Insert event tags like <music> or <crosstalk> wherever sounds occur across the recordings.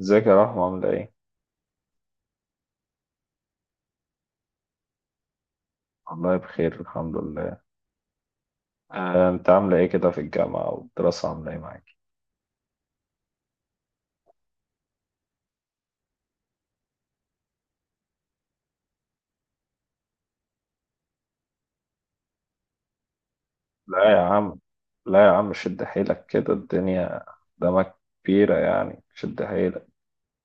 ازيك يا رحمة عاملة ايه؟ والله بخير الحمد لله. انت عاملة ايه كده في الجامعة والدراسة عاملة ايه معاك؟ لا يا عم، لا يا عم، شد حيلك، كده الدنيا قدامك كبيرة، يعني شد حيلك،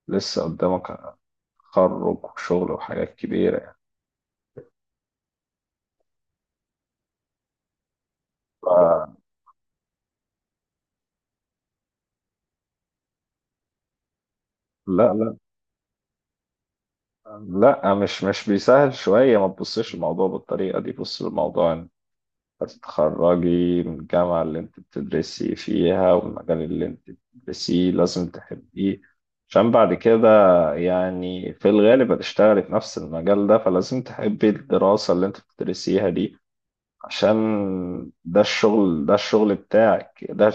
لسه قدامك تخرج وشغل وحاجات كبيرة يعني. ف... لا، لا، لا مش بيسهل شوية، ما تبصش الموضوع بالطريقة دي، بص الموضوع هتتخرجي من الجامعة اللي انت بتدرسي فيها، والمجال اللي انت بتدرسيه لازم تحبيه عشان بعد كده يعني في الغالب هتشتغلي في نفس المجال ده، فلازم تحبي الدراسة اللي انت بتدرسيها دي عشان ده الشغل بتاعك ده،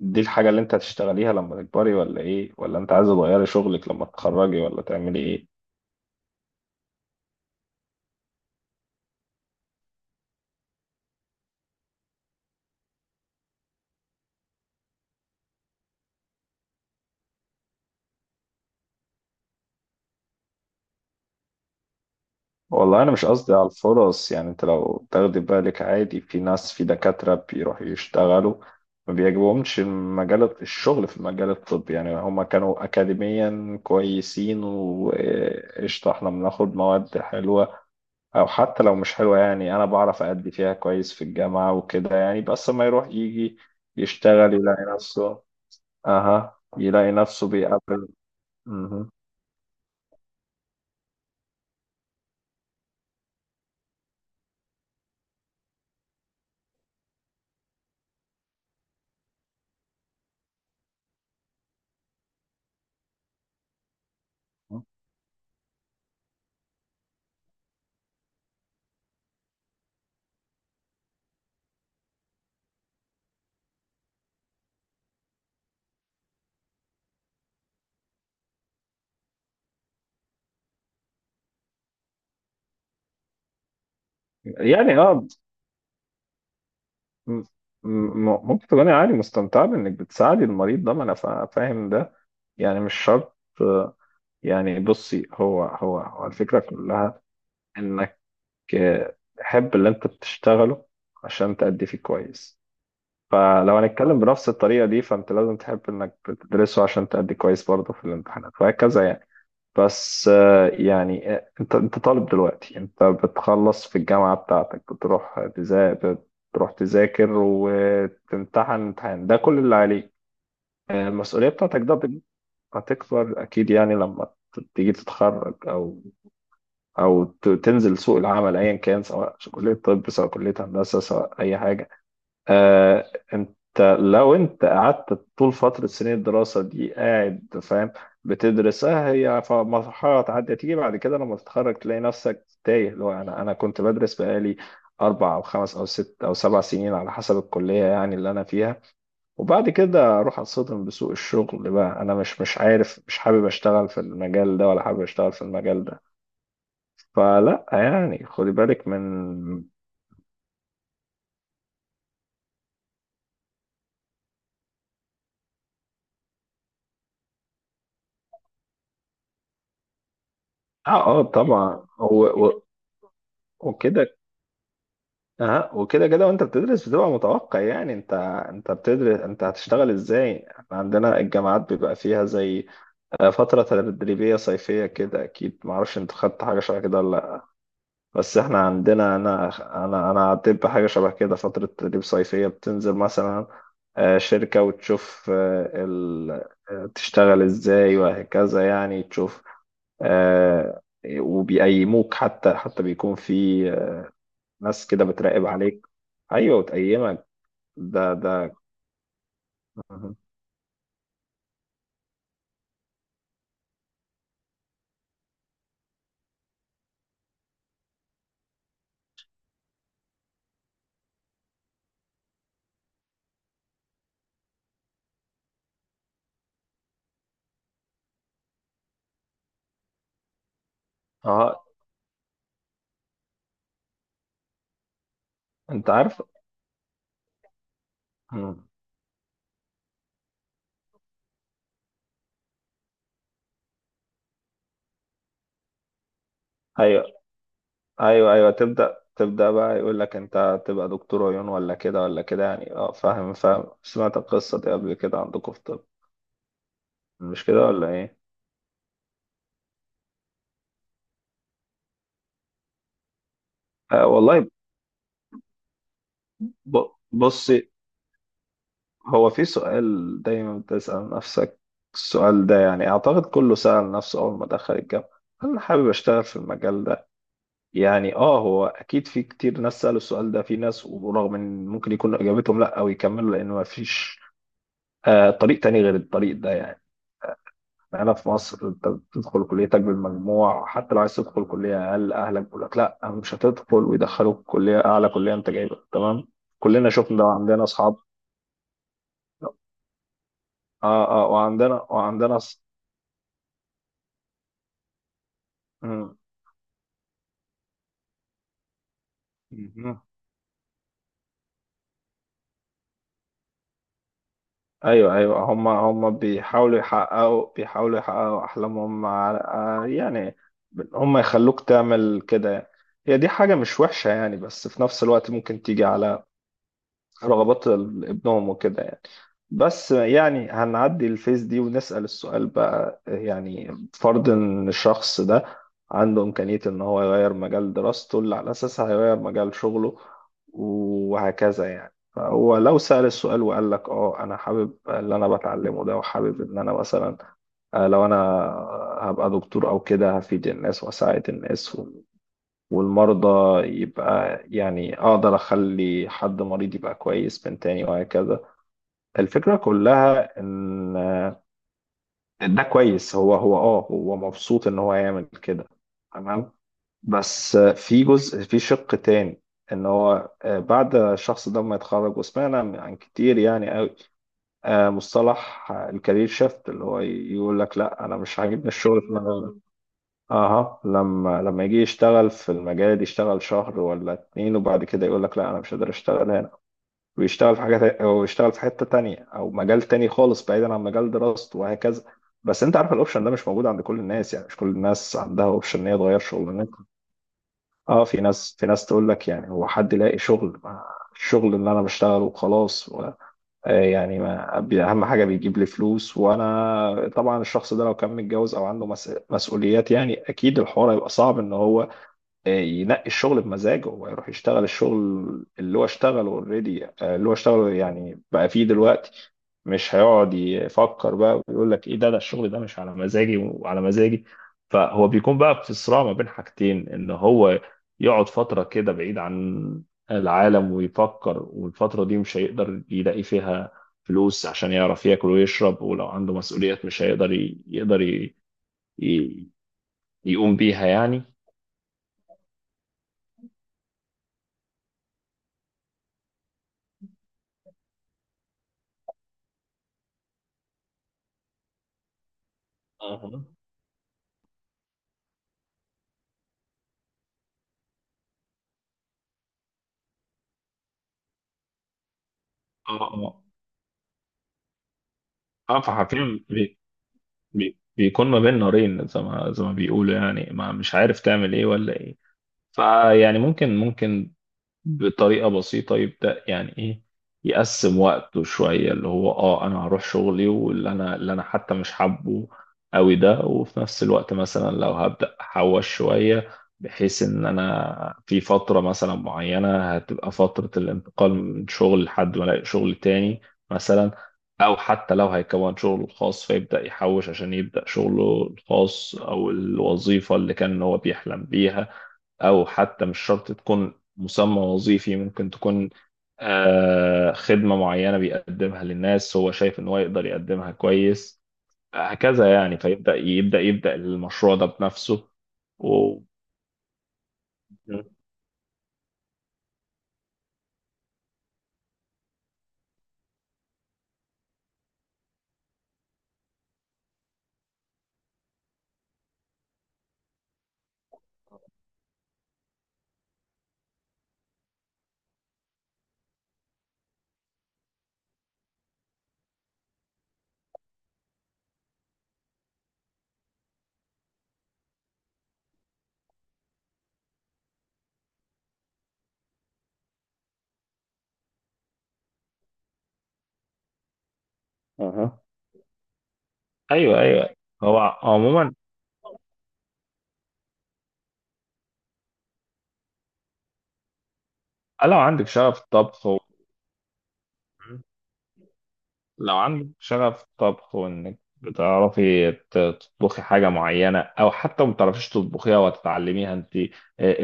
دي الحاجة اللي انت هتشتغليها لما تكبري، ولا ايه؟ ولا انت عايزة تغيري شغلك لما تتخرجي ولا تعملي ايه؟ والله انا مش قصدي على الفرص، يعني انت لو تاخدي بالك عادي في ناس، في دكاترة بيروحوا يشتغلوا ما بيعجبهمش الشغل في المجال الطبي، يعني هما كانوا اكاديميا كويسين وقشطة، احنا بناخد مواد حلوة، او حتى لو مش حلوة، يعني انا بعرف ادي فيها كويس في الجامعة وكده يعني، بس ما يروح يجي يشتغل يلاقي نفسه. اها، يلاقي نفسه بيقابل. مهم. يعني م- ممكن تكوني عادي مستمتعة بإنك بتساعدي المريض ده، ما أنا فاهم ده، يعني مش شرط. يعني بصي، هو الفكرة كلها إنك تحب اللي أنت بتشتغله عشان تأدي فيه كويس، فلو هنتكلم بنفس الطريقة دي فأنت لازم تحب إنك بتدرسه عشان تأدي كويس برضه في الامتحانات وهكذا يعني. بس يعني انت طالب دلوقتي، انت بتخلص في الجامعة بتاعتك، بتروح تذاكر وتمتحن امتحان ده كل اللي عليك. المسؤولية بتاعتك ده هتكبر أكيد يعني لما تيجي تتخرج، أو تنزل سوق العمل، أيا كان، سواء كلية طب، سواء كلية هندسة، سواء أي حاجة. انت لو انت قعدت طول فترة سنين الدراسة دي قاعد فاهم بتدرسها هي، مرحلة تعدي ليه بعد كده لما تتخرج تلاقي نفسك تايه، اللي هو انا كنت بدرس بقالي اربع او خمس او ست او سبع سنين على حسب الكلية يعني اللي انا فيها، وبعد كده اروح اتصدم بسوق الشغل، بقى انا مش عارف مش حابب اشتغل في المجال ده ولا حابب اشتغل في المجال ده. فلا يعني، خدي بالك من. اه اه، طبعا هو وكده. اه وكده كده وانت بتدرس بتبقى متوقع، يعني انت بتدرس انت هتشتغل ازاي. احنا عندنا الجامعات بيبقى فيها زي فترة تدريبية صيفية كده، اكيد معرفش انت خدت حاجة شبه كده ولا لا، بس احنا عندنا انا، انا عديت بحاجة شبه كده، فترة تدريب صيفية بتنزل مثلا شركة وتشوف آه، ال... آه، تشتغل ازاي وهكذا يعني، تشوف. آه، وبيقيموك، حتى بيكون في ناس كده بتراقب عليك، ايوه وتقيمك. ده ده اه انت عارف. مم. ايوه، ايوه، ايوه، تبدا بقى يقول لك انت تبقى دكتور عيون ولا كده ولا كده يعني، اه فاهم فاهم، سمعت القصه دي قبل كده عندكم في الطب، مش كده ولا ايه؟ والله، بصي، هو في سؤال دايما بتسال نفسك السؤال ده، يعني اعتقد كله سال نفسه اول ما دخل الجامعه، هل انا حابب اشتغل في المجال ده؟ يعني هو اكيد في كتير ناس سالوا السؤال ده، في ناس ورغم ان ممكن يكون اجابتهم لا او يكملوا لان ما فيش طريق تاني غير الطريق ده يعني. هنا في مصر انت بتدخل كليتك بالمجموع، حتى لو عايز تدخل كلية أقل أهلك بيقول لك لا مش هتدخل، ويدخلوك كلية أعلى، كلية أنت جايبها تمام. كلنا شفنا ده وعندنا أصحاب. اه اه، وعندنا مم. مهم. ايوه، ايوه، هم بيحاولوا يحققوا احلامهم يعني هم يخلوك تعمل كده يعني. هي دي حاجة مش وحشة يعني، بس في نفس الوقت ممكن تيجي على ابنهم وكده يعني. بس يعني هنعدي الفيس دي ونسأل السؤال بقى، يعني فرض ان الشخص ده عنده إمكانية ان هو يغير مجال دراسته اللي على أساسها هيغير مجال شغله وهكذا يعني. فهو لو سأل السؤال وقال لك انا حابب اللي انا بتعلمه ده وحابب ان انا مثلا لو انا هبقى دكتور او كده هفيد الناس واساعد الناس والمرضى، يبقى يعني أقدر أخلي حد مريض يبقى كويس من تاني وهكذا، الفكرة كلها إن ده كويس، هو هو مبسوط إن هو يعمل كده تمام. بس في جزء، في شق تاني، إن هو بعد الشخص ده ما يتخرج وسمعنا عن كتير يعني قوي مصطلح الكارير شيفت، اللي هو يقول لك لا أنا مش عاجبني الشغل في المجال ده. اها، لما يجي يشتغل في المجال، يشتغل شهر ولا اتنين وبعد كده يقول لك لا انا مش قادر اشتغل هنا، ويشتغل في او يشتغل في حته تانية او مجال تاني خالص بعيدا عن مجال دراسته وهكذا. بس انت عارف الاوبشن ده مش موجود عند كل الناس، يعني مش كل الناس عندها اوبشن ان هي تغير شغلانتها. اه، في ناس تقول لك يعني هو حد يلاقي شغل؟ ما الشغل اللي انا بشتغله وخلاص يعني ما بي- اهم حاجه بيجيب لي فلوس. وانا طبعا الشخص ده لو كان متجوز او عنده مسؤوليات، يعني اكيد الحوار هيبقى صعب ان هو ينقي الشغل بمزاجه ويروح يشتغل الشغل اللي هو اشتغله اوريدي اللي هو اشتغله يعني بقى فيه دلوقتي، مش هيقعد يفكر بقى ويقول لك ايه ده، ده الشغل ده مش على مزاجي وعلى مزاجي. فهو بيكون بقى في صراع ما بين حاجتين، ان هو يقعد فترة كده بعيد عن العالم ويفكر، والفترة دي مش هيقدر يلاقي فيها فلوس عشان يعرف ياكل ويشرب، ولو عنده مسؤوليات مش هيقدر ي- يقدر ي- ي- يقوم بيها يعني. أها. اه اه اه، فحرفيا بي بي بيكون ما بين نارين، زي ما بيقولوا يعني، ما مش عارف تعمل ايه ولا ايه. فيعني ممكن بطريقه بسيطه يبدا يعني ايه، يقسم وقته شويه، اللي هو انا هروح شغلي واللي انا، اللي انا حتى مش حابه قوي ده، وفي نفس الوقت مثلا لو هبدا احوش شويه بحيث ان انا في فتره مثلا معينه هتبقى فتره الانتقال من شغل لحد ما الاقي شغل تاني مثلا، او حتى لو هيكون شغله الخاص فيبدا يحوش عشان يبدا شغله الخاص، او الوظيفه اللي كان هو بيحلم بيها، او حتى مش شرط تكون مسمى وظيفي، ممكن تكون خدمة معينة بيقدمها للناس هو شايف ان هو يقدر يقدمها كويس، هكذا يعني، فيبدأ يبدأ يبدأ المشروع ده بنفسه و... اها، ايوه، ايوه، هو عموما لو عندك شغف الطبخ، لو عندك شغف طبخ وانك بتعرفي تطبخي حاجة معينة، او حتى ما بتعرفيش تطبخيها وتتعلميها انت،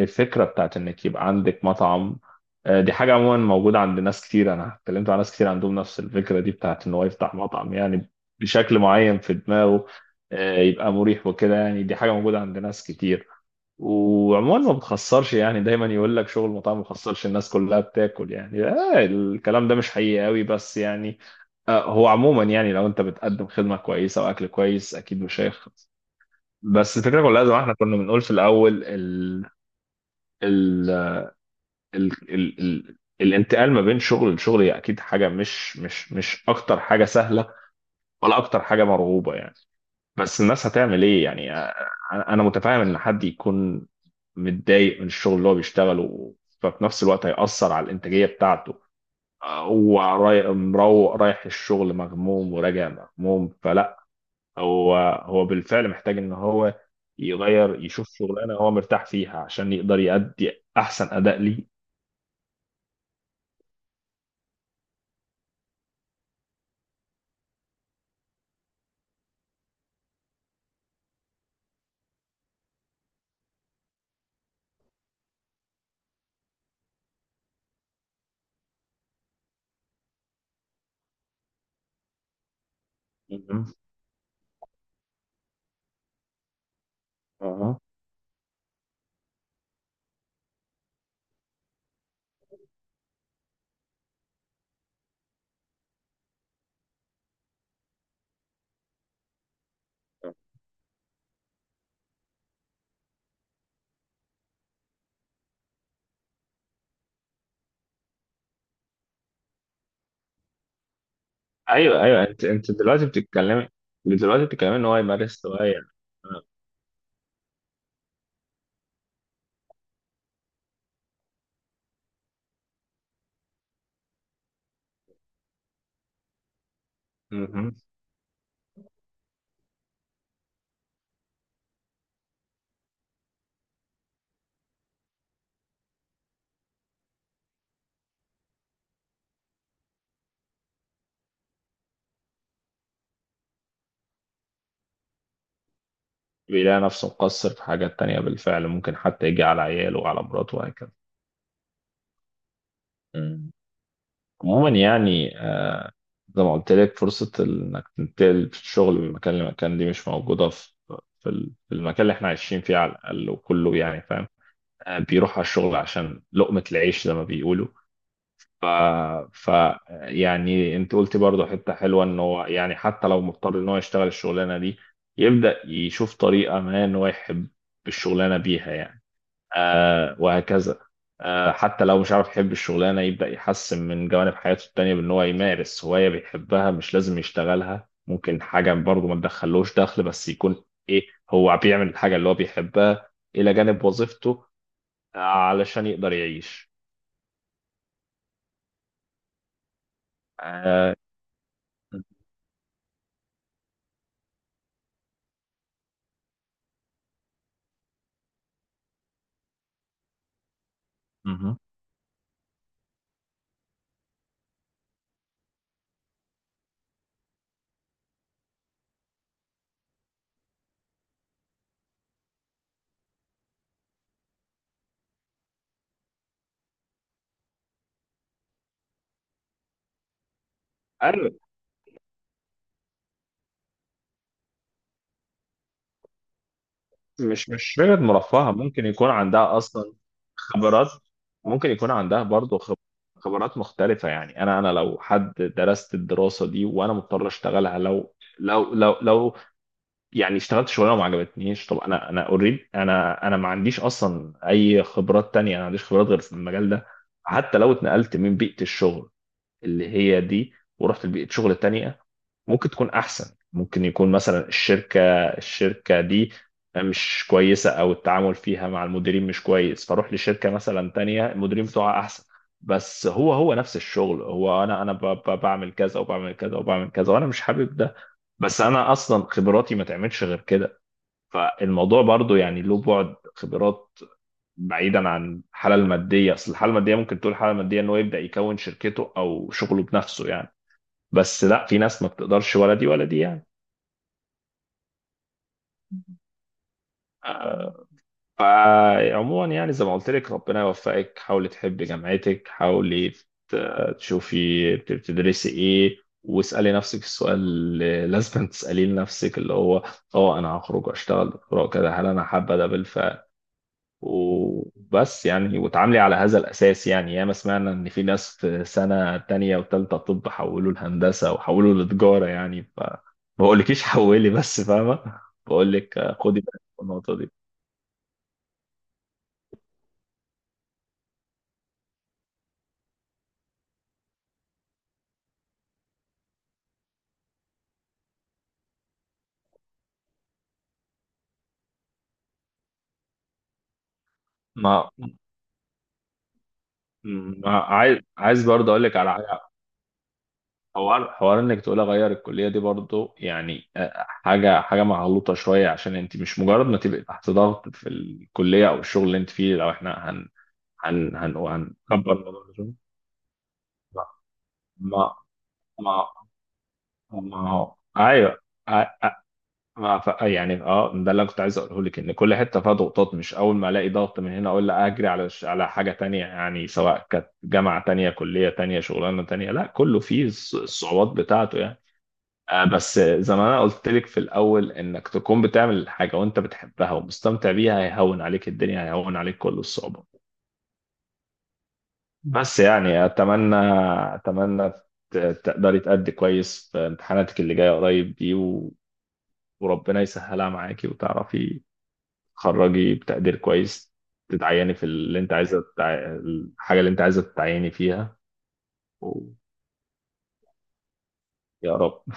الفكرة بتاعت انك يبقى عندك مطعم، دي حاجة عموما موجودة عند ناس كتير، انا اتكلمت مع ناس كتير عندهم نفس الفكرة دي بتاعت ان هو يفتح مطعم يعني بشكل معين في دماغه، يبقى مريح وكده يعني، دي حاجة موجودة عند ناس كتير. وعموما ما بتخسرش يعني، دايما يقول لك شغل المطاعم ما بيخسرش، الناس كلها بتاكل يعني. الكلام ده مش حقيقي قوي، بس يعني هو عموما يعني لو انت بتقدم خدمة كويسة واكل كويس اكيد مش هيخسر. بس الفكرة كلها زي ما احنا كنا بنقول في الاول ال ال ال ال ال الانتقال ما بين شغل لشغل هي اكيد حاجة مش اكتر حاجة سهلة ولا اكتر حاجة مرغوبة يعني. بس الناس هتعمل ايه يعني أنا متفاهم ان حد يكون متضايق من الشغل اللي هو بيشتغله، ففي نفس الوقت هيأثر على الانتاجية بتاعته. مروق رايح الشغل مغموم وراجع مغموم، فلا هو هو بالفعل محتاج ان هو يغير، يشوف شغلانة هو مرتاح فيها عشان يقدر يأدي احسن اداء ليه. مهم. أها. ايوه، ايوه، انت دلوقتي بتتكلمي، ان هو يمارس هواية. مهم. بيلاقي نفسه مقصر في حاجات تانية بالفعل، ممكن حتى يجي على عياله وعلى مراته وهكذا. مم. عموما يعني زي ما قلت لك، فرصة إنك تنتقل في الشغل من مكان لمكان دي مش موجودة في في المكان اللي احنا عايشين فيه على الأقل، وكله يعني فاهم بيروح على الشغل عشان لقمة العيش زي ما بيقولوا. ف... ف يعني انت قلتي برضه حتة حلوة ان هو يعني حتى لو مضطر ان هو يشتغل الشغلانة دي يبدأ يشوف طريقة ما ان هو يحب الشغلانة بيها يعني وهكذا. حتى لو مش عارف يحب الشغلانة، يبدأ يحسن من جوانب حياته التانية بأن هو يمارس هواية بيحبها، مش لازم يشتغلها، ممكن حاجة برضه ما تدخلوش دخل، بس يكون إيه هو بيعمل الحاجة اللي هو بيحبها إلى جانب وظيفته علشان يقدر يعيش. آه مهم. أيوة. مش فكرة مرفهة، ممكن يكون عندها أصلا خبرات، ممكن يكون عندها برضو خبرات مختلفة يعني. أنا لو حد درست الدراسة دي وأنا مضطر أشتغلها لو، لو يعني اشتغلت شغلانة وما عجبتنيش، طب أنا، أوريد، أنا ما عنديش أصلا أي خبرات تانية، أنا ما عنديش خبرات غير في المجال ده. حتى لو اتنقلت من بيئة الشغل اللي هي دي، ورحت لبيئة شغل تانية ممكن تكون احسن، ممكن يكون مثلا الشركه دي مش كويسه، او التعامل فيها مع المديرين مش كويس، فاروح لشركه مثلا تانية المديرين بتوعها احسن، بس هو نفس الشغل، هو انا، بعمل كذا وبعمل كذا وبعمل كذا وانا مش حابب ده، بس انا اصلا خبراتي ما تعملش غير كده. فالموضوع برضو يعني له بعد خبرات بعيدا عن الحاله الماديه. اصل الحاله الماديه ممكن تقول الحاله الماديه ان هو يبدا يكون شركته او شغله بنفسه يعني، بس لا، في ناس ما بتقدرش ولا دي ولا دي يعني. آه، فعموما يعني زي ما قلت لك، ربنا يوفقك، حاولي تحبي جامعتك، حاولي تشوفي بتدرسي ايه، واسألي نفسك السؤال اللي <laughs> لازم تسأليه لنفسك، اللي هو اه انا هخرج واشتغل دكتوراه كده هل انا حابة ده بالفعل، وبس يعني، وتعاملي على هذا الاساس يعني. ياما سمعنا ان في ناس في سنة تانية وتالتة طب حولوا لهندسة وحولوا لتجارة يعني، ف ما بقولكيش حولي بس فاهمة، بقولك خدي بالك من النقطة دي. ما مم. عايز، برضه اقول لك على حاجه، حوار انك تقول اغير الكليه دي برضه يعني حاجه مغلوطه شويه، عشان انت مش مجرد ما تبقي تحت ضغط في الكليه او الشغل اللي انت فيه. لو احنا هن هن هن هنكبر الموضوع ده شوية. ما ما ما ما هو ايوه، ما ف... يعني ده اللي أنا كنت عايز اقوله لك ان كل حته فيها ضغوطات، مش اول ما الاقي ضغط من هنا اقول لا اجري على على حاجه تانية يعني، سواء كانت جامعه تانية كليه تانية شغلانه تانية، لا كله فيه الصعوبات بتاعته يعني. بس زي ما انا قلت لك في الاول، انك تكون بتعمل حاجه وانت بتحبها ومستمتع بيها هيهون عليك الدنيا، هيهون عليك كل الصعوبات. بس يعني اتمنى، اتمنى ت- تقدري تأدي كويس في امتحاناتك اللي جايه قريب دي وربنا يسهلها معاكي، وتعرفي تخرجي بتقدير كويس، تتعيني في اللي انت عايزه الحاجه اللي انت عايزه تتعيني فيها. ويا رب.